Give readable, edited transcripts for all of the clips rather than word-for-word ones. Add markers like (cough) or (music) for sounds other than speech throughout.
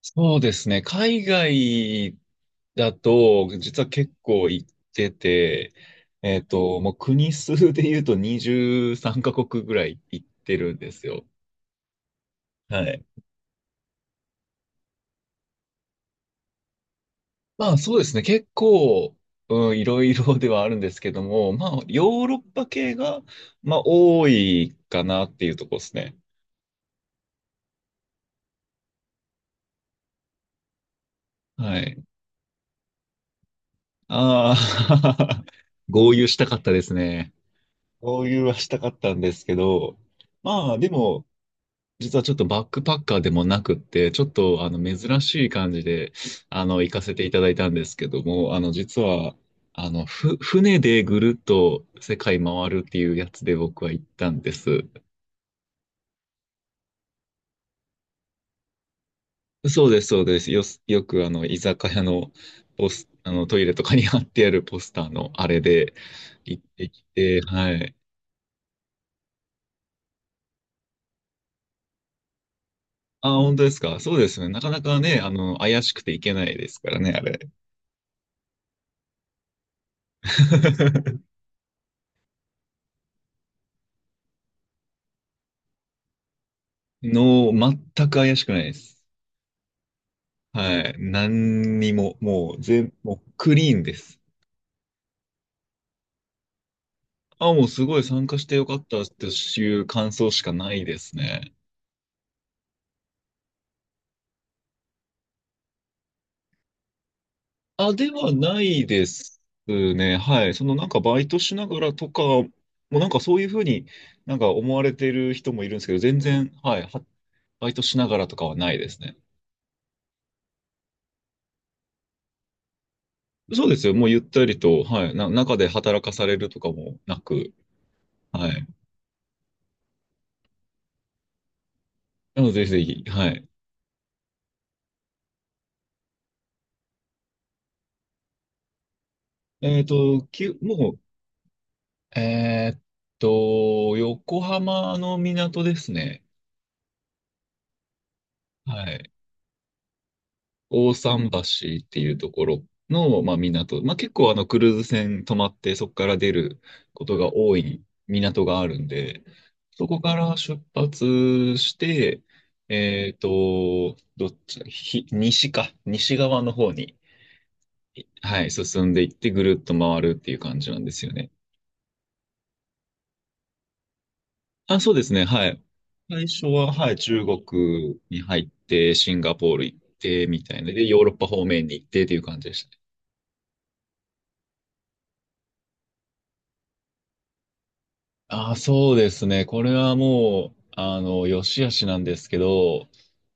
そうですね。海外だと、実は結構行ってて、もう国数で言うと23カ国ぐらい行ってるんですよ。はい。まあそうですね。結構、うん、いろいろではあるんですけども、まあヨーロッパ系が、まあ多いかなっていうとこですね。はい。ああ (laughs) 合流したかったですね。合流はしたかったんですけど、まあでも、実はちょっとバックパッカーでもなくって、ちょっと珍しい感じで、行かせていただいたんですけども、実は、船でぐるっと世界回るっていうやつで僕は行ったんです。そうです、そうです。よく居酒屋のポス、あの、トイレとかに貼ってあるポスターのあれで行ってきて、はい。あ、本当ですか。そうですね。なかなかね、怪しくていけないですからね、あれ。(laughs) 全く怪しくないです。はい。何にも、もう全、もうクリーンです。あ、もうすごい参加してよかったっていう感想しかないですね。あ、ではないですね。はい。そのなんかバイトしながらとか、もうなんかそういうふうになんか思われてる人もいるんですけど、全然、はい。バイトしながらとかはないですね。そうですよ。もうゆったりと、はい。中で働かされるとかもなく、はい。なので、ぜひぜひ、はい。もうえーっ横浜の港ですね。はい。大桟橋っていうところの、まあ、港。まあ、結構クルーズ船泊まってそこから出ることが多い港があるんで、そこから出発して、どっちだ、西か、西側の方に、はい、進んでいってぐるっと回るっていう感じなんですよね。あ、そうですね。はい。最初は、はい、中国に入って、シンガポール行って、みたいな。で、ヨーロッパ方面に行ってっていう感じでしたね。ああ、そうですね。これはもう、よしあしなんですけど、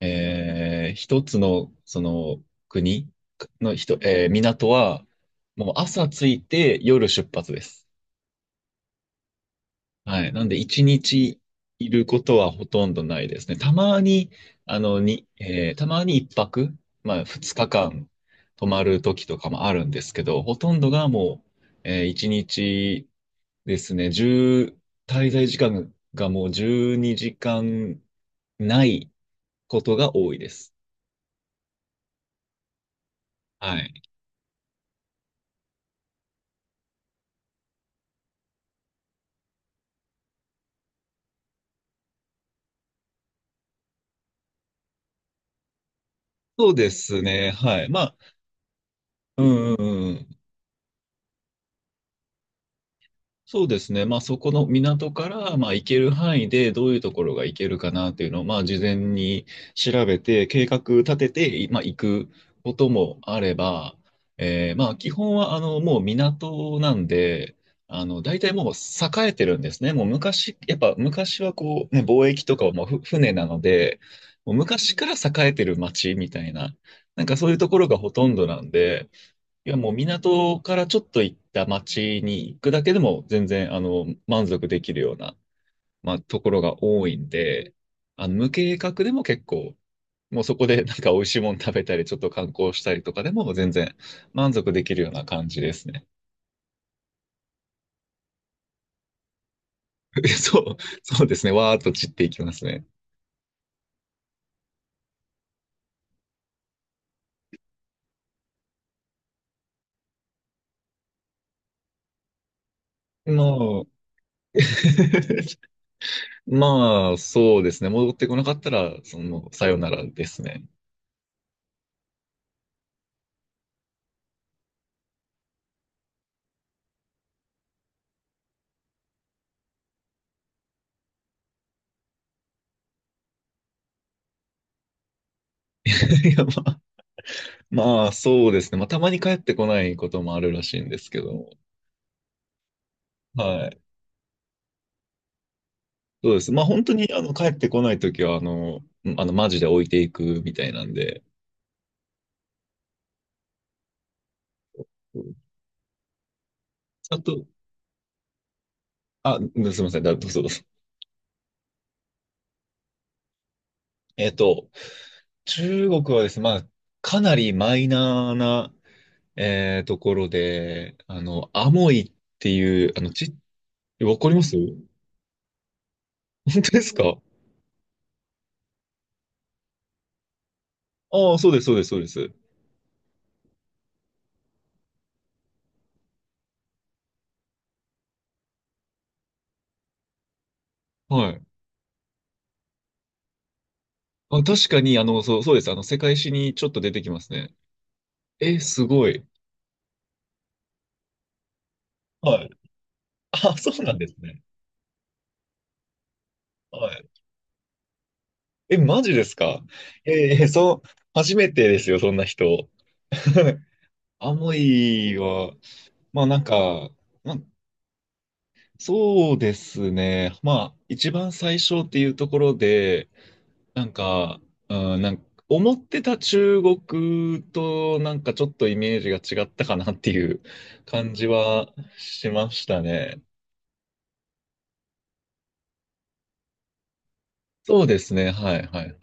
一つの、国の人、えー港は、もう朝着いて夜出発です。はい。なんで、一日いることはほとんどないですね。たまに、一泊、まあ、2日間泊まる時とかもあるんですけど、ほとんどがもう、一日ですね、滞在時間がもう12時間ないことが多いです。はい。そうですね。はい。まあ、うんうんうん。そうですね。まあ、そこの港から、まあ、行ける範囲でどういうところが行けるかなっていうのを、まあ、事前に調べて、計画立てて、まあ、行くこともあれば、まあ、基本は、もう港なんで、大体もう栄えてるんですね。もう昔、やっぱ昔はこう、ね、貿易とかはもう船なので、もう昔から栄えてる町みたいな、なんかそういうところがほとんどなんで、いや、もう港からちょっと行った町に行くだけでも全然、満足できるような、まあ、ところが多いんで、無計画でも結構、もうそこで (laughs) なんか美味しいもの食べたり、ちょっと観光したりとかでも全然満足できるような感じですね。(laughs) そう、そうですね。わーっと散っていきますね。もう、(laughs) まあ、そうですね。戻ってこなかったら、さよならですね。(laughs) いや、まあ、そうですね。まあ、たまに帰ってこないこともあるらしいんですけど、はい。そうです。まあ本当に帰ってこないときは、マジで置いていくみたいなんで、うん、ちゃんと、あ、うん、すみません、どうぞどうぞ。えっと、中国はですね、まあ、かなりマイナーな、ところで、アモイっていう、わかります？本当ですか？ああ、そうです、そうです、そうです。はい。あ、確かに、そう、そうです。世界史にちょっと出てきますね。え、すごい。はい。あ、そうなんですね。はい。え、マジですか？ええ、そう、初めてですよ、そんな人。(laughs) アモイは、まあなんか、まあ、そうですね。まあ、一番最初っていうところで、なんか、うん、なんか、思ってた中国となんかちょっとイメージが違ったかなっていう感じはしましたね。そうですね。はいはい。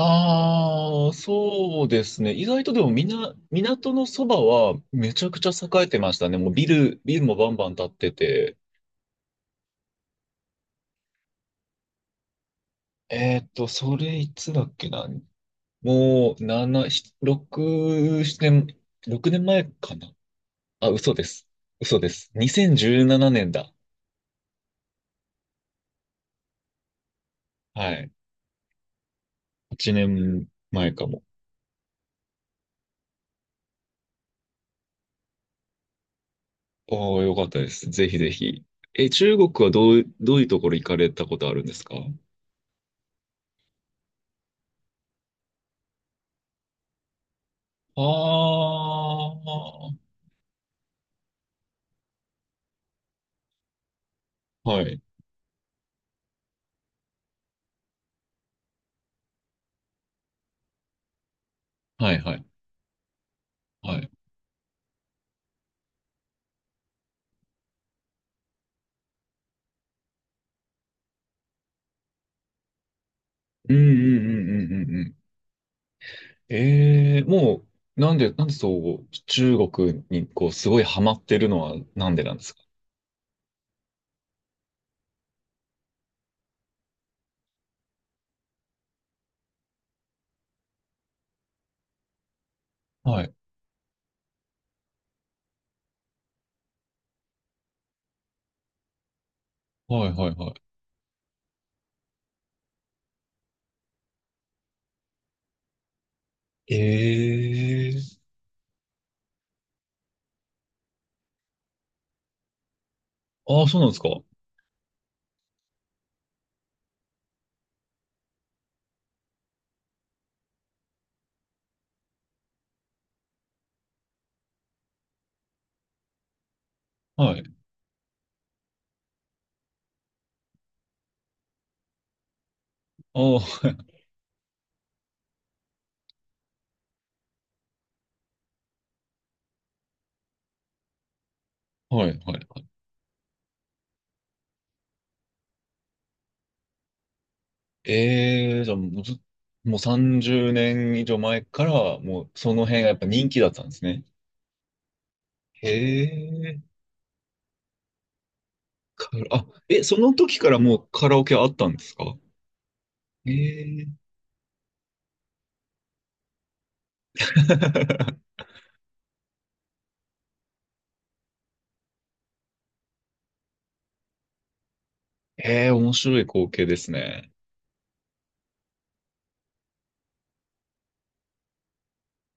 ああ、そうですね。意外とでも港のそばはめちゃくちゃ栄えてましたね。もうビルもバンバン建ってて。それいつだっけな。もう、7、6、7年、6年前かな。あ、嘘です。嘘です。2017年だ。はい。8年前かも。おー、よかったです。ぜひぜひ。え、中国はどういうところ行かれたことあるんですか？ああー、はいはいはい。はい。うんうんうんうんうんうん。ええ、もう、なんでそう、中国にこう、すごいハマってるのはなんでなんですか？はい。はいはいはい。ええ、ああ、そうなんですか？はい。ああ、(laughs) はいはいはい。ええ、じゃあもうず、もう30年以上前から、もうその辺がやっぱ人気だったんですね。へえ、かあ、え、その時からもうカラオケあったんですか？ええ (laughs) ええ、面白い光景ですね。